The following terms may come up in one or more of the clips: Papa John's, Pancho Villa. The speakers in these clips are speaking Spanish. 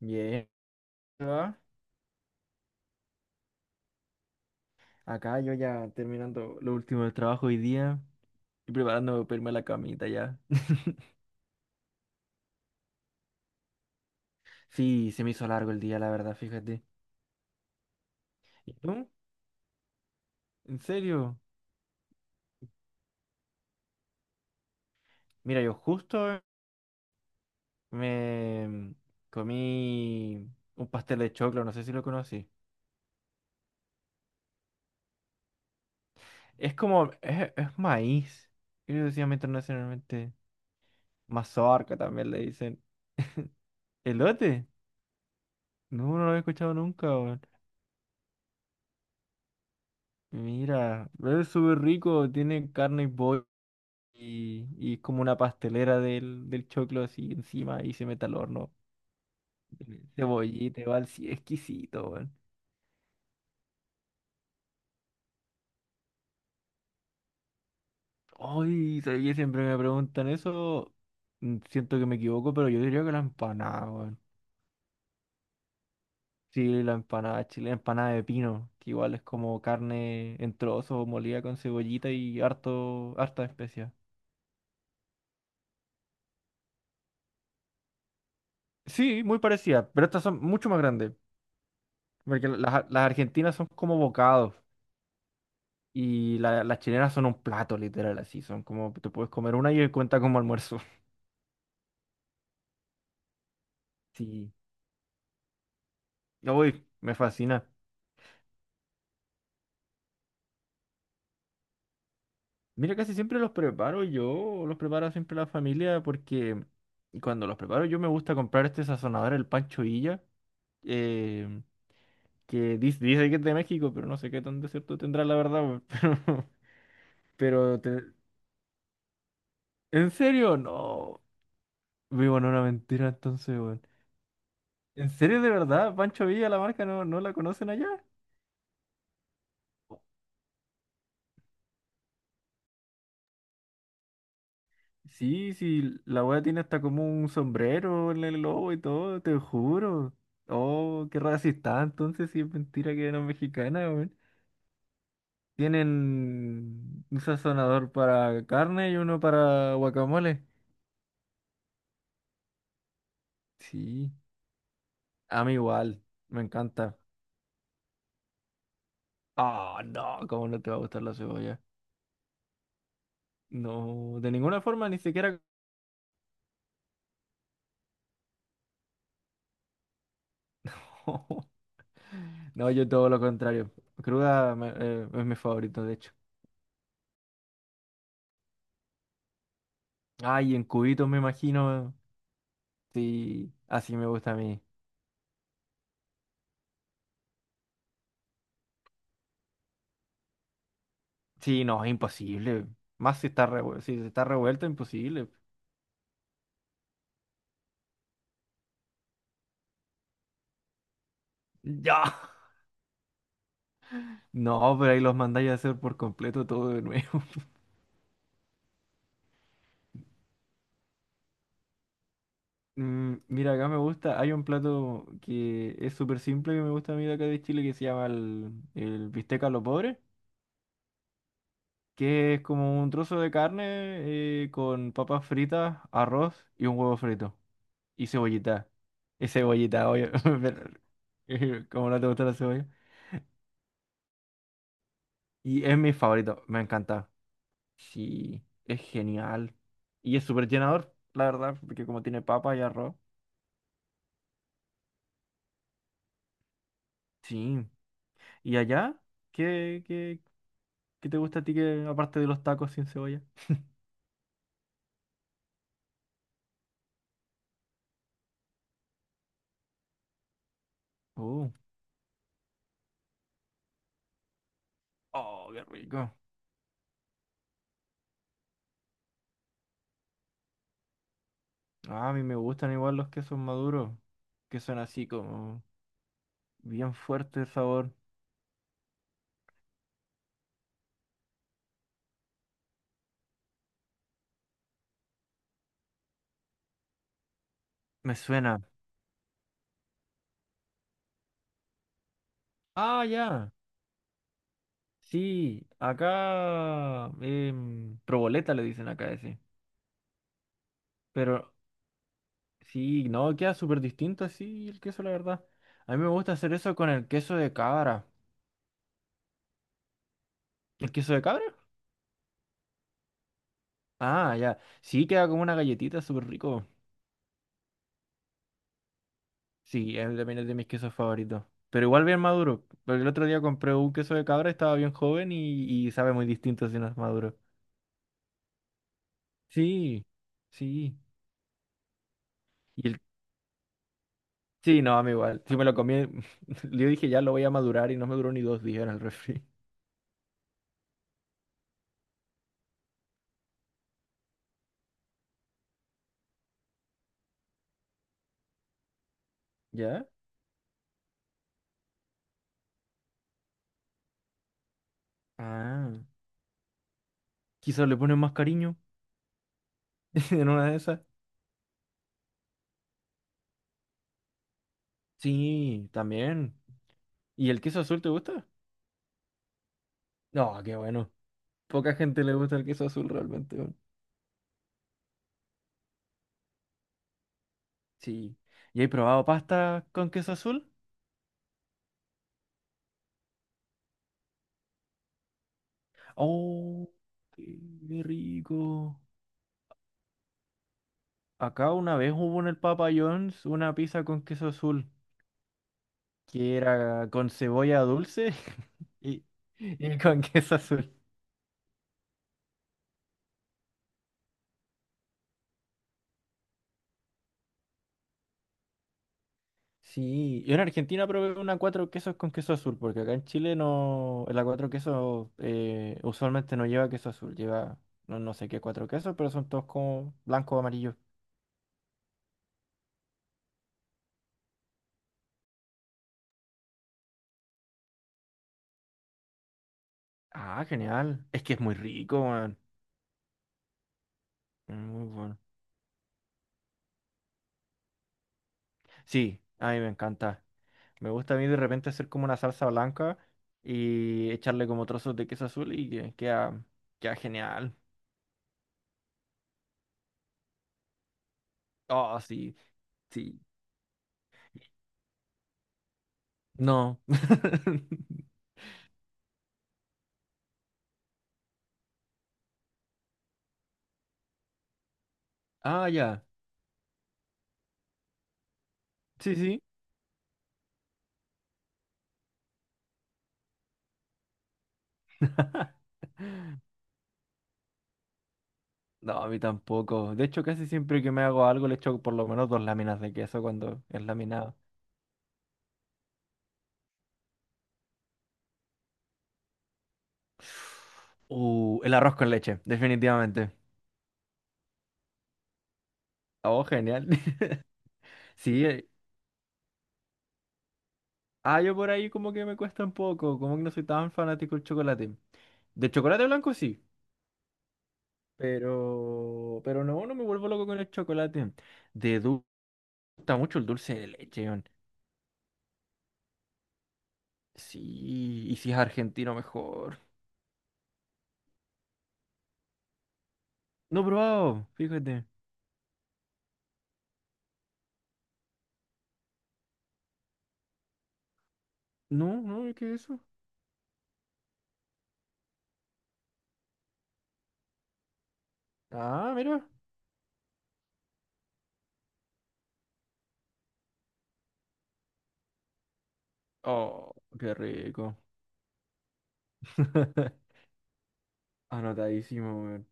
Bien, ¿va? Acá yo ya terminando lo último del trabajo hoy día y preparándome para irme a la camita ya. Sí, se me hizo largo el día, la verdad, fíjate. ¿Y tú? ¿En serio? Mira, yo justo me comí un pastel de choclo, no sé si lo conocí. Es como, es maíz. Ellos decían internacionalmente mazorca también le dicen. ¿Elote? No, no lo había escuchado nunca, weón. Mira, pero es súper rico, tiene carne y pollo. Y como una pastelera del choclo así encima y se mete al horno. Cebollita, igual, sí, exquisito, weón. Ay, sabía que siempre me preguntan eso. Siento que me equivoco, pero yo diría que la empanada, weón. Sí, la empanada chilena, empanada de pino, que igual es como carne en trozos, molida con cebollita y harta especia. Sí, muy parecida, pero estas son mucho más grandes, porque las argentinas son como bocados. Y las chilenas son un plato, literal, así. Son como, te puedes comer una y cuenta como almuerzo. Sí. Ya voy, me fascina. Mira, casi siempre los preparo yo, los prepara siempre la familia, porque cuando los preparo yo me gusta comprar este sazonador, el Pancho Villa, eh, que dice que es de México, pero no sé qué tan de cierto tendrá la verdad, weón. Pero, pero te- ¿En serio? No. Vivo en una mentira entonces, weón. ¿En serio de verdad? ¿Pancho Villa, la marca, no la conocen allá? Sí, sí, la wea tiene hasta como un sombrero en el lobo y todo, te juro. Oh, qué racista, entonces sí es mentira que no es mexicana, weón. Tienen un sazonador para carne y uno para guacamole. Sí, a mí igual, me encanta. Ah, no, cómo no te va a gustar la cebolla. No, de ninguna forma, ni siquiera. No, yo todo lo contrario. Es mi favorito, de hecho. Ay, en cubitos me imagino. Sí, así me gusta a mí. Sí, no, es imposible. Más si está revuelto, imposible. Ya. No, pero ahí los mandáis a hacer por completo todo de nuevo. Mm, mira, acá me gusta, hay un plato que es súper simple que me gusta a mí de acá de Chile que se llama el bistec a lo pobre, que es como un trozo de carne con papas fritas, arroz y un huevo frito. Y cebollita. Y cebollita, obvio. Pero, ¿cómo no te gusta la cebolla? Y es mi favorito, me encanta. Sí, es genial. Y es súper llenador, la verdad, porque como tiene papa y arroz. Sí. ¿Y allá? ¿Qué, qué, ¿qué te gusta a ti que aparte de los tacos sin cebolla? Oh, oh, qué rico. Ah, a mí me gustan igual los quesos maduros, que son así como bien fuerte el sabor. Me suena. Ah, ya. Sí, acá proboleta le dicen acá ese. Pero sí, no, queda súper distinto así el queso, la verdad. A mí me gusta hacer eso con el queso de cabra. ¿El queso de cabra? Ah, ya. Sí, queda como una galletita súper rico. Sí, es también es de mis quesos favoritos. Pero igual bien maduro. Porque el otro día compré un queso de cabra, estaba bien joven y sabe muy distinto si no es maduro. Sí, sí. Y el... Sí, no, a mí igual. Si me lo comí, yo dije ya lo voy a madurar y no me duró ni dos días en el refri. ¿Ya? Ah. Quizás le ponen más cariño en una de esas. Sí, también. ¿Y el queso azul te gusta? No, qué bueno. Poca gente le gusta el queso azul realmente, weón. Sí. ¿Y he probado pasta con queso azul? Oh, qué qué rico. Acá una vez hubo en el Papa John's una pizza con queso azul, que era con cebolla dulce y, y con queso azul. Sí, yo en Argentina probé una cuatro quesos con queso azul, porque acá en Chile no, la cuatro quesos usualmente no lleva queso azul, lleva no sé qué cuatro quesos, pero son todos como blanco o amarillo. Ah, genial. Es que es muy rico, man. Es muy bueno. Sí, a mí me encanta. Me gusta a mí de repente hacer como una salsa blanca y echarle como trozos de queso azul y queda genial. Oh, sí, sí. No. Ah, ya. Sí, sí. No, a mí tampoco. De hecho, casi siempre que me hago algo le echo por lo menos dos láminas de queso cuando es laminado. El arroz con leche, definitivamente. Oh, genial. Sí, yo por ahí como que me cuesta un poco, como que no soy tan fanático del chocolate. De chocolate blanco sí, pero no me vuelvo loco con el chocolate. De dulce, gusta mucho el dulce de leche, weón. Sí, y si es argentino mejor. No he probado, fíjate. No, ¿qué es eso? Ah, mira. Oh, qué rico. Anotadísimo, weón.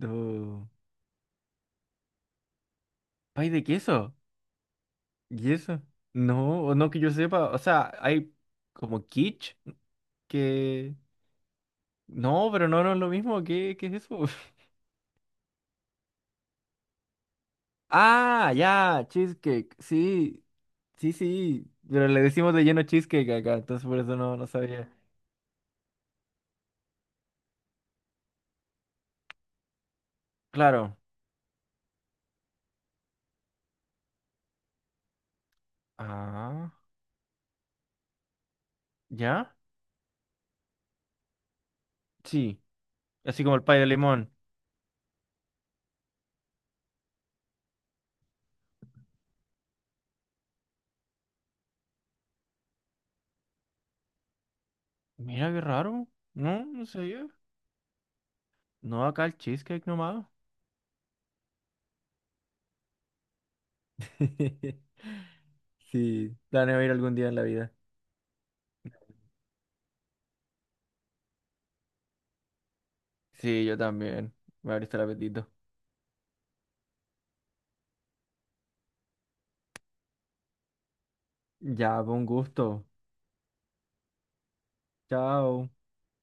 Do- ¿Pay de queso? ¿Y eso? No, o no que yo sepa. O sea, hay como quiche que... No, pero no, no es lo mismo. ¿Qué es eso? Ah, ya, cheesecake. Sí, sí, sí. Pero le decimos de lleno cheesecake acá, entonces por eso no sabía. Claro. Ah, ¿ya? Sí. Así como el pay de limón. Mira qué raro. No, no sabía. No, acá el cheesecake nomás. Sí, planeo ir algún día en la vida. Sí, yo también. Me abriste el apetito. Ya, con gusto. Chao.